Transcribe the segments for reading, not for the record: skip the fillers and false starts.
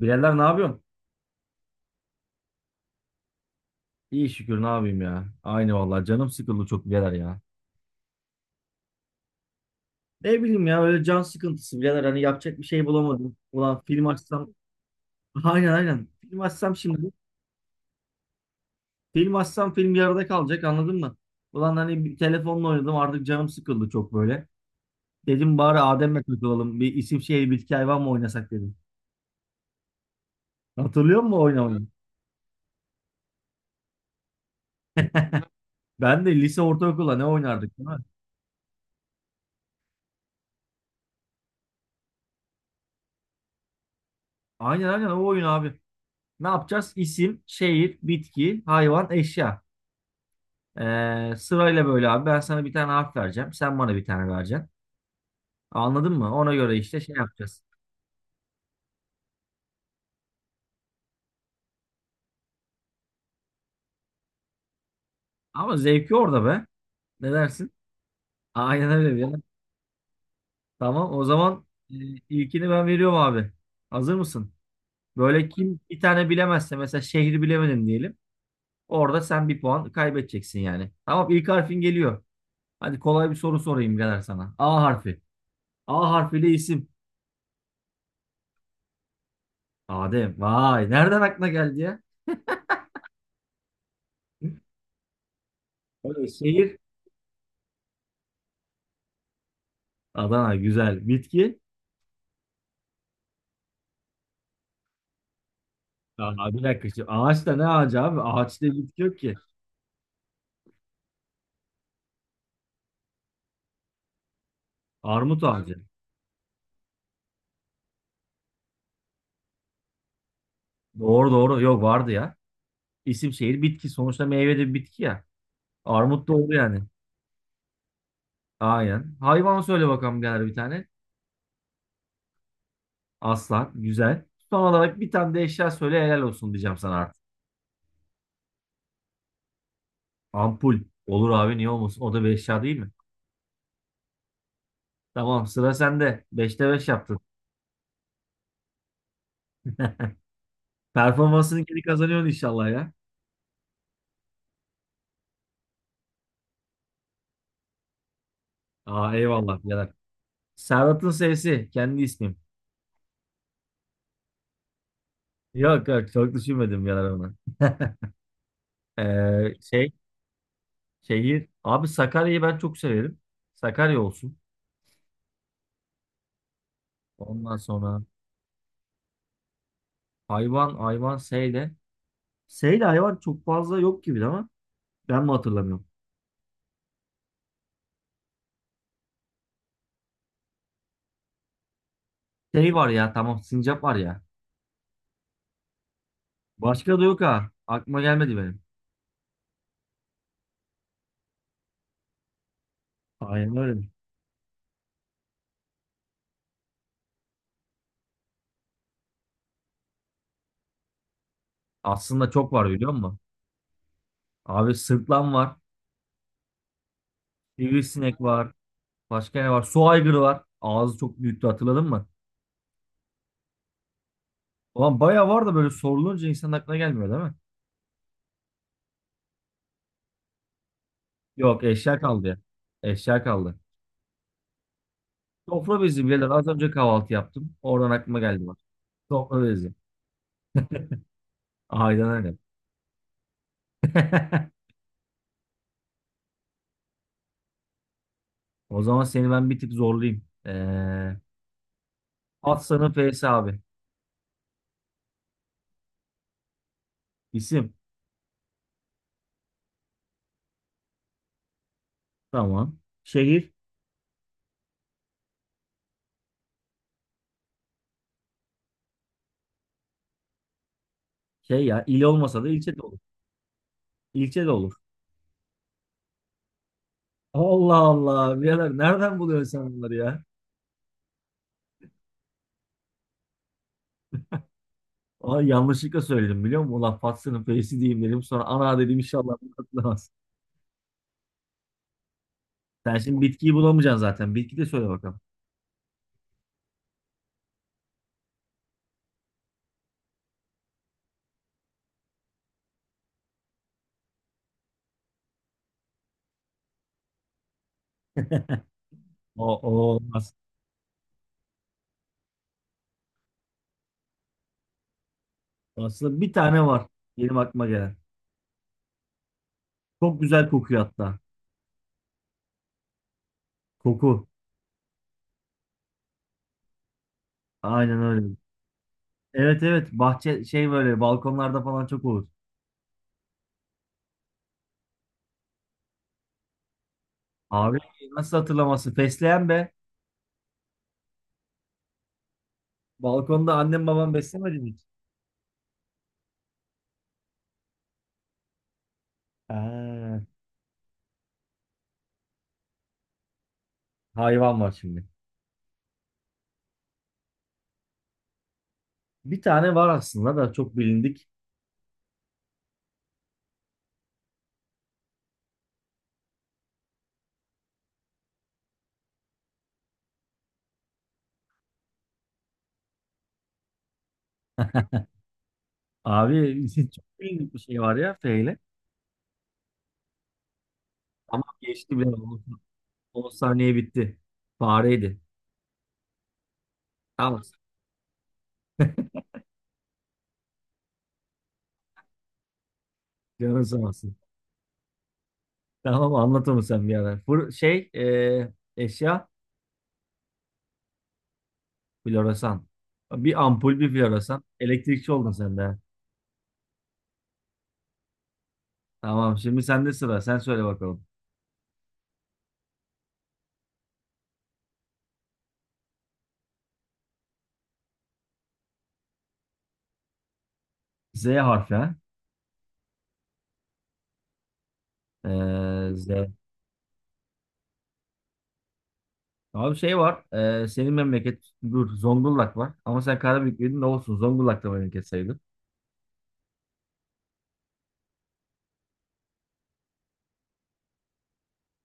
Birader ne yapıyorsun? İyi şükür ne yapayım ya. Aynı vallahi canım sıkıldı çok birader ya. Ne bileyim ya öyle can sıkıntısı birader hani yapacak bir şey bulamadım. Ulan film açsam. Aynen aynen film açsam şimdi, film açsam film yarıda kalacak anladın mı? Ulan hani bir telefonla oynadım artık, canım sıkıldı çok böyle. Dedim bari Adem'le takılalım, bir isim şehir bitki hayvan mı oynasak dedim. Hatırlıyor musun o oynamayı? Ben de lise ortaokulda ne oynardık değil mi? Aynen aynen o oyun abi. Ne yapacağız? İsim, şehir, bitki, hayvan, eşya. Sırayla böyle abi, ben sana bir tane harf vereceğim. Sen bana bir tane vereceksin. Anladın mı? Ona göre işte şey yapacağız. Ama zevki orada be. Ne dersin? Aynen öyle bir. Tamam, o zaman e, ilkini ben veriyorum abi. Hazır mısın? Böyle kim bir tane bilemezse, mesela şehri bilemedin diyelim. Orada sen bir puan kaybedeceksin yani. Tamam, ilk harfin geliyor. Hadi kolay bir soru sorayım birader sana. A harfi. A harfiyle isim. Adem. Vay, nereden aklına geldi ya? Böyle şehir. Adana güzel. Bitki. Aa, bir dakika şimdi. Ağaç ne ağacı abi? Ağaçta bitki yok ki. Armut ağacı. Doğru doğru. Yok, vardı ya. İsim şehir bitki. Sonuçta meyve de bir bitki ya. Armut da oldu yani. Aynen. Hayvan söyle bakalım birader bir tane. Aslan. Güzel. Son olarak bir tane de eşya söyle, helal olsun diyeceğim sana artık. Ampul. Olur abi, niye olmasın? O da bir eşya değil mi? Tamam, sıra sende. Beşte beş yaptın. Performansını geri kazanıyorsun inşallah ya. Aa, eyvallah birader. Serhat'ın sevsi. Kendi ismim. Yok yok, çok düşünmedim birader ona. Şey, şehir abi, Sakarya'yı ben çok severim. Sakarya olsun. Ondan sonra hayvan, hayvan Seyde. Seyde hayvan çok fazla yok gibi ama ben mi hatırlamıyorum. Şey var ya, tamam, sincap var ya. Başka da yok ha. Aklıma gelmedi benim. Aynen öyle. Aslında çok var, biliyor musun? Abi sırtlan var. Sivrisinek var. Başka ne var? Su aygırı var. Ağzı çok büyüktü, hatırladın mı? Ulan bayağı var da böyle sorulunca insanın aklına gelmiyor değil mi? Yok, eşya kaldı ya. Eşya kaldı. Sofra bezi birader. Az önce kahvaltı yaptım. Oradan aklıma geldi bak. Sofra bezi. Aynen öyle. O zaman seni ben bir tık zorlayayım. At sana F'si abi. İsim. Tamam. Şehir. Şey ya, il olmasa da ilçe de olur. İlçe de olur. Allah Allah. Birader nereden buluyorsun sen bunları ya? Ay, yanlışlıkla söyledim biliyor musun? Ulan Fatsa'nın F'si diyeyim dedim. Sonra ana dedim, inşallah bunu hatırlamaz. Sen şimdi bitkiyi bulamayacaksın zaten. Bitki de söyle bakalım. O olmaz. Aslında bir tane var. Benim aklıma gelen. Çok güzel kokuyor hatta. Koku. Aynen öyle. Evet evet, bahçe şey, böyle balkonlarda falan çok olur. Abi nasıl hatırlaması? Fesleğen be. Balkonda annem babam beslemedi mi hiç? Ha, hayvan var şimdi. Bir tane var aslında da çok bilindik. Abi çok bilindik bir şey var ya feyle. Ama geçti bile. On saniye bitti. Fareydi. Tamam. Canın sağ olsun. Tamam, anlatır mısın bir ara? Eşya. Floresan. Bir ampul bir floresan. Elektrikçi oldun sen de. Tamam, şimdi sende sıra. Sen söyle bakalım. Z harfi ha. Z. Abi şey var. Senin memleket, dur, Zonguldak var. Ama sen Karabük'lüydün, ne olsun. Zonguldak da memleket sayılır.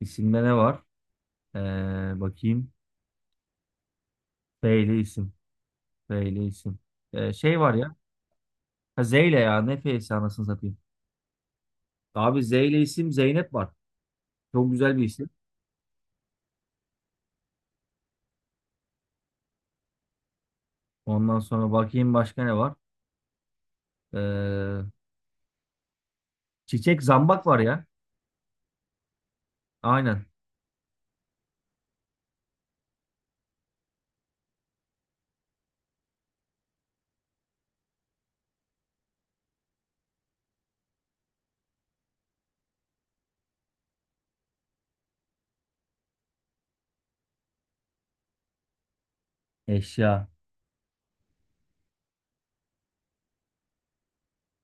İsimde ne var? Ee, bakayım. F ile isim. F ile isim. Şey var ya. Ha, Z ile ya. Ne F'si, anasını satayım. Abi Z ile isim, Zeynep var. Çok güzel bir isim. Ondan sonra bakayım başka ne var? Ee, çiçek, zambak var ya. Aynen. Eşya.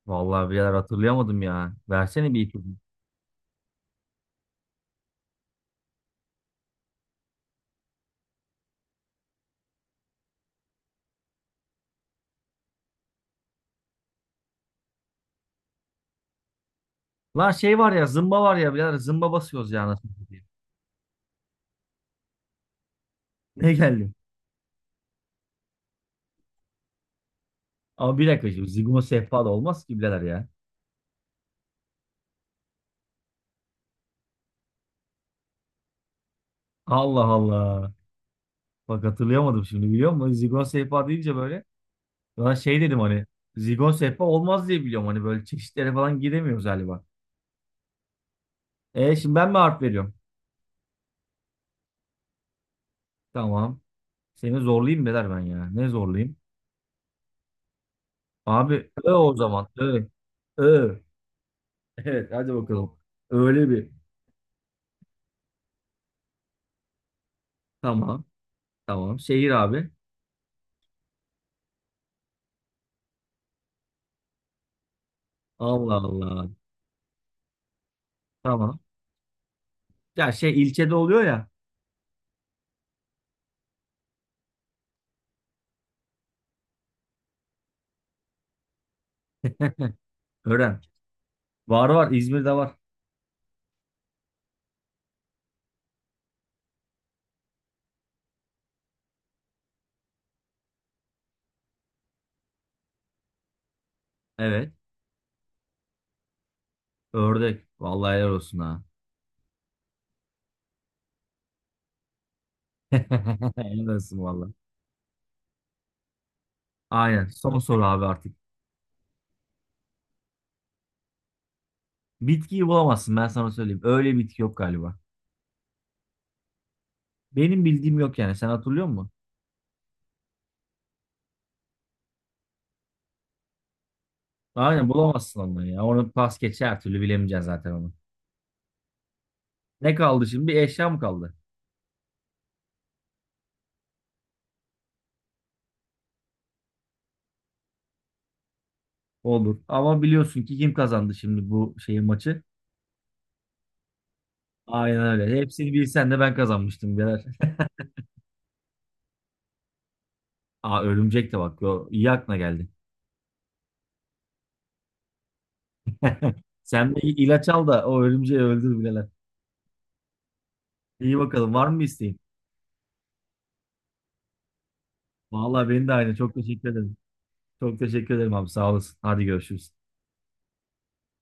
Vallahi birader hatırlayamadım ya. Versene bir ipucu. Lan şey var ya, zımba var ya birader, zımba basıyoruz ya anasını satayım. Ne geldi? Ama bir dakika şimdi, Zigon sehpa da olmaz ki birader ya. Allah Allah. Bak hatırlayamadım şimdi, biliyor musun? Zigon sehpa deyince böyle. Lan şey dedim hani. Zigon sehpa olmaz diye biliyorum. Hani böyle çeşitlere falan giremiyoruz galiba. E şimdi ben mi harf veriyorum? Tamam. Seni zorlayayım birader ben ya. Ne zorlayayım? Abi ö, o zaman. Ö. Ö. Evet, hadi bakalım. Öyle bir. Tamam. Tamam. Şehir abi. Allah Allah. Tamam. Ya şey, ilçede oluyor ya. Ören. Var var. İzmir'de var. Evet. Ördek. Vallahi helal olsun ha. Helal olsun vallahi. Aynen. Son soru abi artık. Bitkiyi bulamazsın, ben sana söyleyeyim. Öyle bitki yok galiba. Benim bildiğim yok yani. Sen hatırlıyor musun? Aynen, bulamazsın onu ya. Onu pas geçer, her türlü bilemeyeceksin zaten onu. Ne kaldı şimdi? Bir eşya mı kaldı? Olur. Ama biliyorsun ki kim kazandı şimdi bu şeyin maçı? Aynen öyle. Hepsini bilsen de ben kazanmıştım birader. Aa, örümcek de bak. Yo, iyi aklına geldi. Sen bir ilaç al da o örümceği öldür bileler. İyi, bakalım var mı bir isteğin? Vallahi benim de aynı. Çok teşekkür ederim. Çok teşekkür ederim abi. Sağ olasın. Hadi görüşürüz.